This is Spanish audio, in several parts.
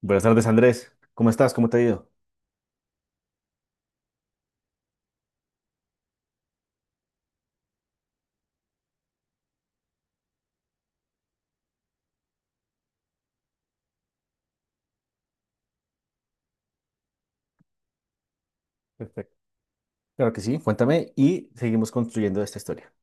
Buenas tardes, Andrés. ¿Cómo estás? ¿Cómo te ha ido? Perfecto. Claro que sí, cuéntame y seguimos construyendo esta historia.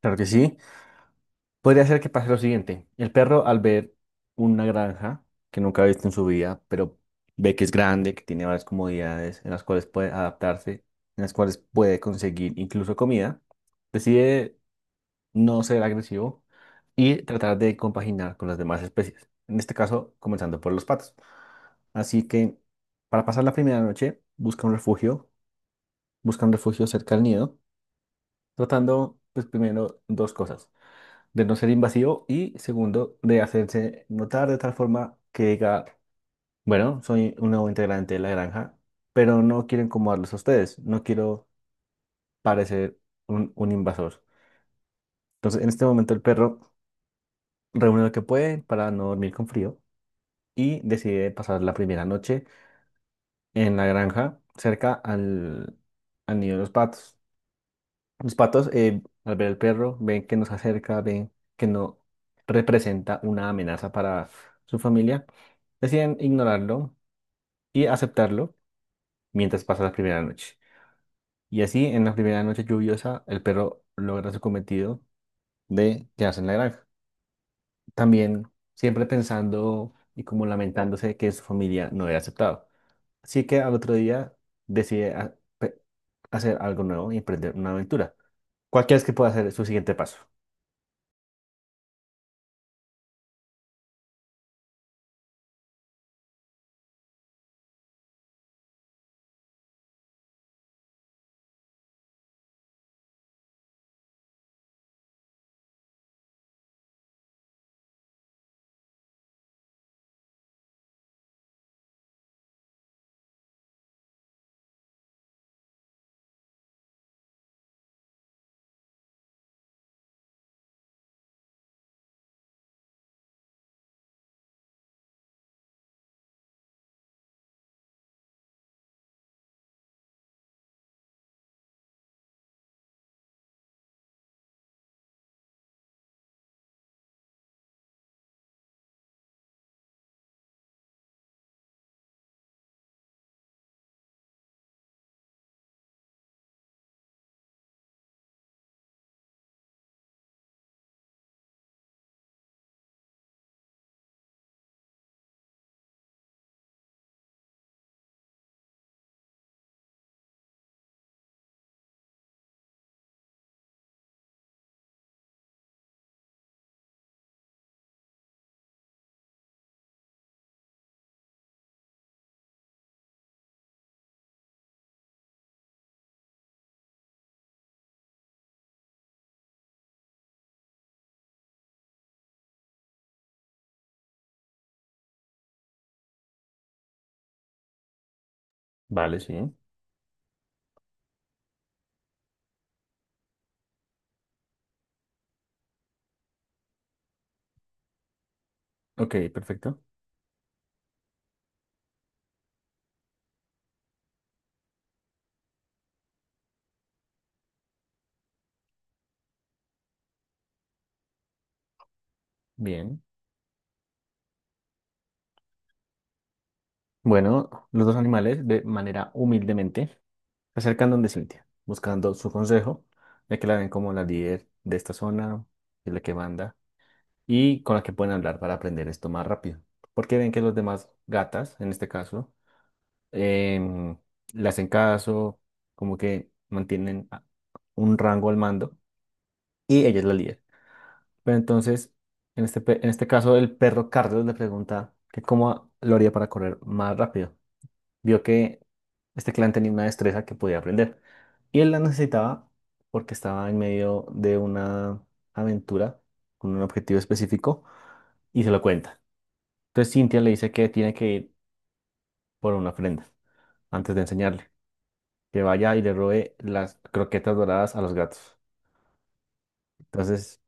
Claro que sí. Podría ser que pase lo siguiente. El perro, al ver una granja que nunca ha visto en su vida, pero ve que es grande, que tiene varias comodidades en las cuales puede adaptarse, en las cuales puede conseguir incluso comida, decide no ser agresivo y tratar de compaginar con las demás especies. En este caso, comenzando por los patos. Así que, para pasar la primera noche, busca un refugio cerca del nido, tratando, pues, primero, dos cosas, de no ser invasivo y, segundo, de hacerse notar de tal forma que diga, bueno, soy un nuevo integrante de la granja, pero no quiero incomodarlos a ustedes, no quiero parecer un invasor. Entonces, en este momento, el perro reúne lo que puede para no dormir con frío y decide pasar la primera noche en la granja cerca al nido de los patos. Los patos, al ver al perro, ven que nos acerca, ven que no representa una amenaza para su familia, deciden ignorarlo y aceptarlo mientras pasa la primera noche. Y así, en la primera noche lluviosa, el perro logra su cometido de quedarse en la granja. También siempre pensando y como lamentándose que su familia no era aceptado. Así que al otro día decide hacer algo nuevo y emprender una aventura. ¿Cuál crees que pueda ser su siguiente paso? Vale, sí. Ok, perfecto. Bien. Bueno, los dos animales, de manera humildemente, se acercan donde Cintia, buscando su consejo, ya que la ven como la líder de esta zona, es la que manda, y con la que pueden hablar para aprender esto más rápido. Porque ven que los demás gatas, en este caso, em, le hacen caso, como que mantienen un rango al mando, y ella es la líder. Pero entonces, en en este caso, el perro Carlos le pregunta que cómo lo haría para correr más rápido. Vio que este clan tenía una destreza que podía aprender y él la necesitaba porque estaba en medio de una aventura con un objetivo específico y se lo cuenta. Entonces, Cintia le dice que tiene que ir por una ofrenda antes de enseñarle, que vaya y le robe las croquetas doradas a los gatos. Entonces,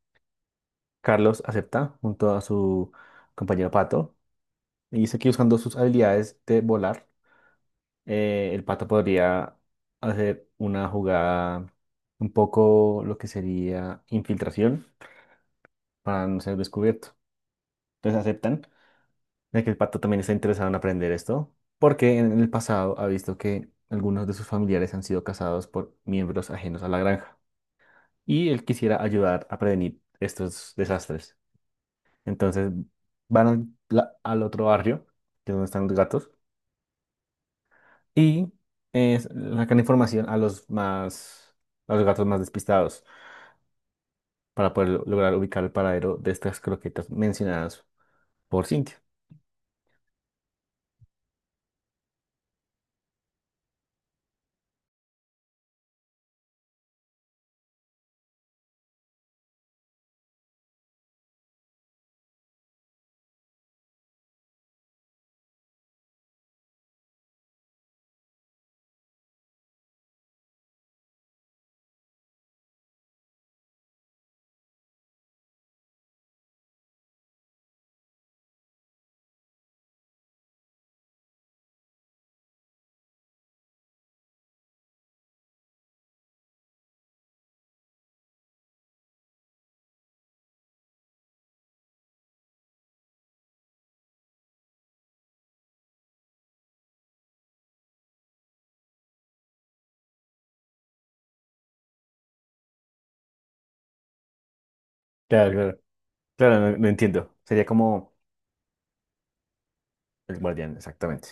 Carlos acepta junto a su compañero Pato y dice que, usando sus habilidades de volar, el Pato podría hacer una jugada, un poco lo que sería infiltración, para no ser descubierto. Entonces aceptan de que el Pato también está interesado en aprender esto porque en el pasado ha visto que algunos de sus familiares han sido cazados por miembros ajenos a la granja, y él quisiera ayudar a prevenir estos desastres. Entonces van al otro barrio, que es donde están los gatos, y sacan información a a los gatos más despistados para poder lograr ubicar el paradero de estas croquetas mencionadas por Cintia. Claro, claro, claro, lo entiendo. Sería como el guardián, exactamente.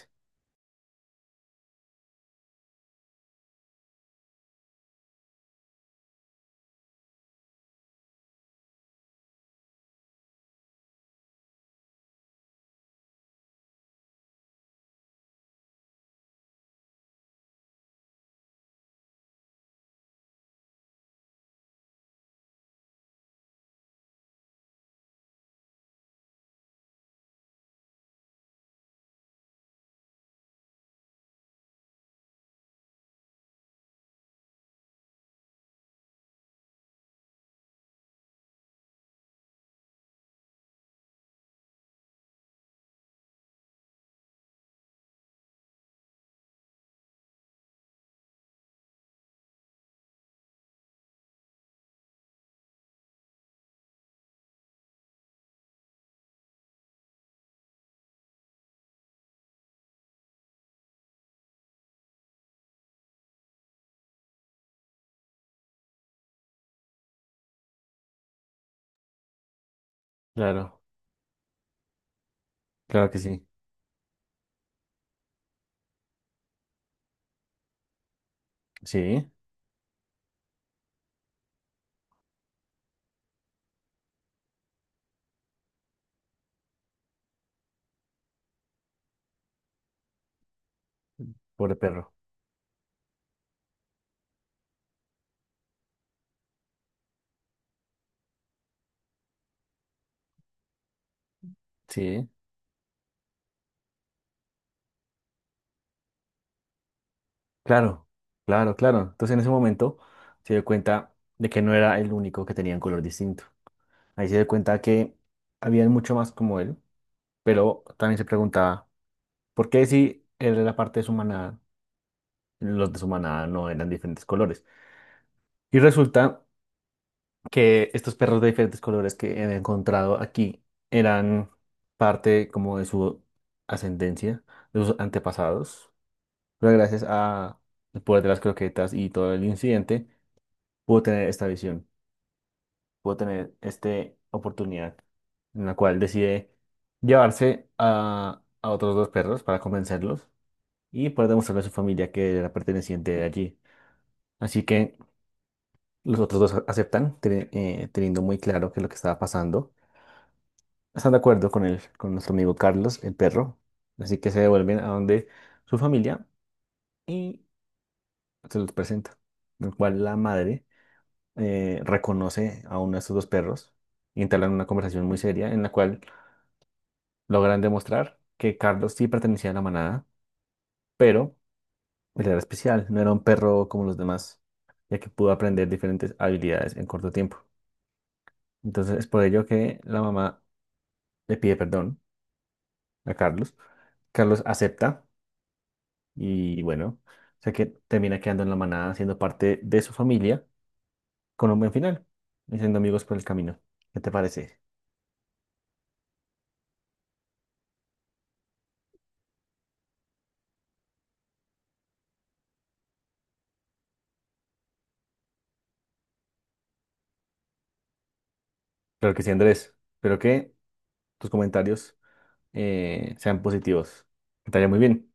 Claro, claro que sí. Sí, pobre perro. Sí. Claro, claro, claro. Entonces, en ese momento, se dio cuenta de que no era el único que tenía un color distinto. Ahí se dio cuenta que había mucho más como él, pero también se preguntaba, ¿por qué si él era parte de su manada, los de su manada no eran diferentes colores? Y resulta que estos perros de diferentes colores que he encontrado aquí eran parte como de su ascendencia, de sus antepasados, pero gracias a el poder de las croquetas y todo el incidente, pudo tener esta visión. Pudo tener esta oportunidad en la cual decide llevarse a otros dos perros para convencerlos y poder demostrarle a su familia que era perteneciente de allí. Así que los otros dos aceptan, teniendo muy claro qué es lo que estaba pasando. Están de acuerdo con con nuestro amigo Carlos, el perro. Así que se devuelven a donde su familia y se los presenta. En el cual la madre reconoce a uno de estos dos perros y entablan una conversación muy seria en la cual logran demostrar que Carlos sí pertenecía a la manada, pero él era especial, no era un perro como los demás, ya que pudo aprender diferentes habilidades en corto tiempo. Entonces es por ello que la mamá le pide perdón a Carlos. Carlos acepta y, bueno, o sea que termina quedando en la manada, siendo parte de su familia, con un buen final y siendo amigos por el camino. ¿Qué te parece? Claro que sí, Andrés. Espero que tus comentarios sean positivos. Que te vaya muy bien.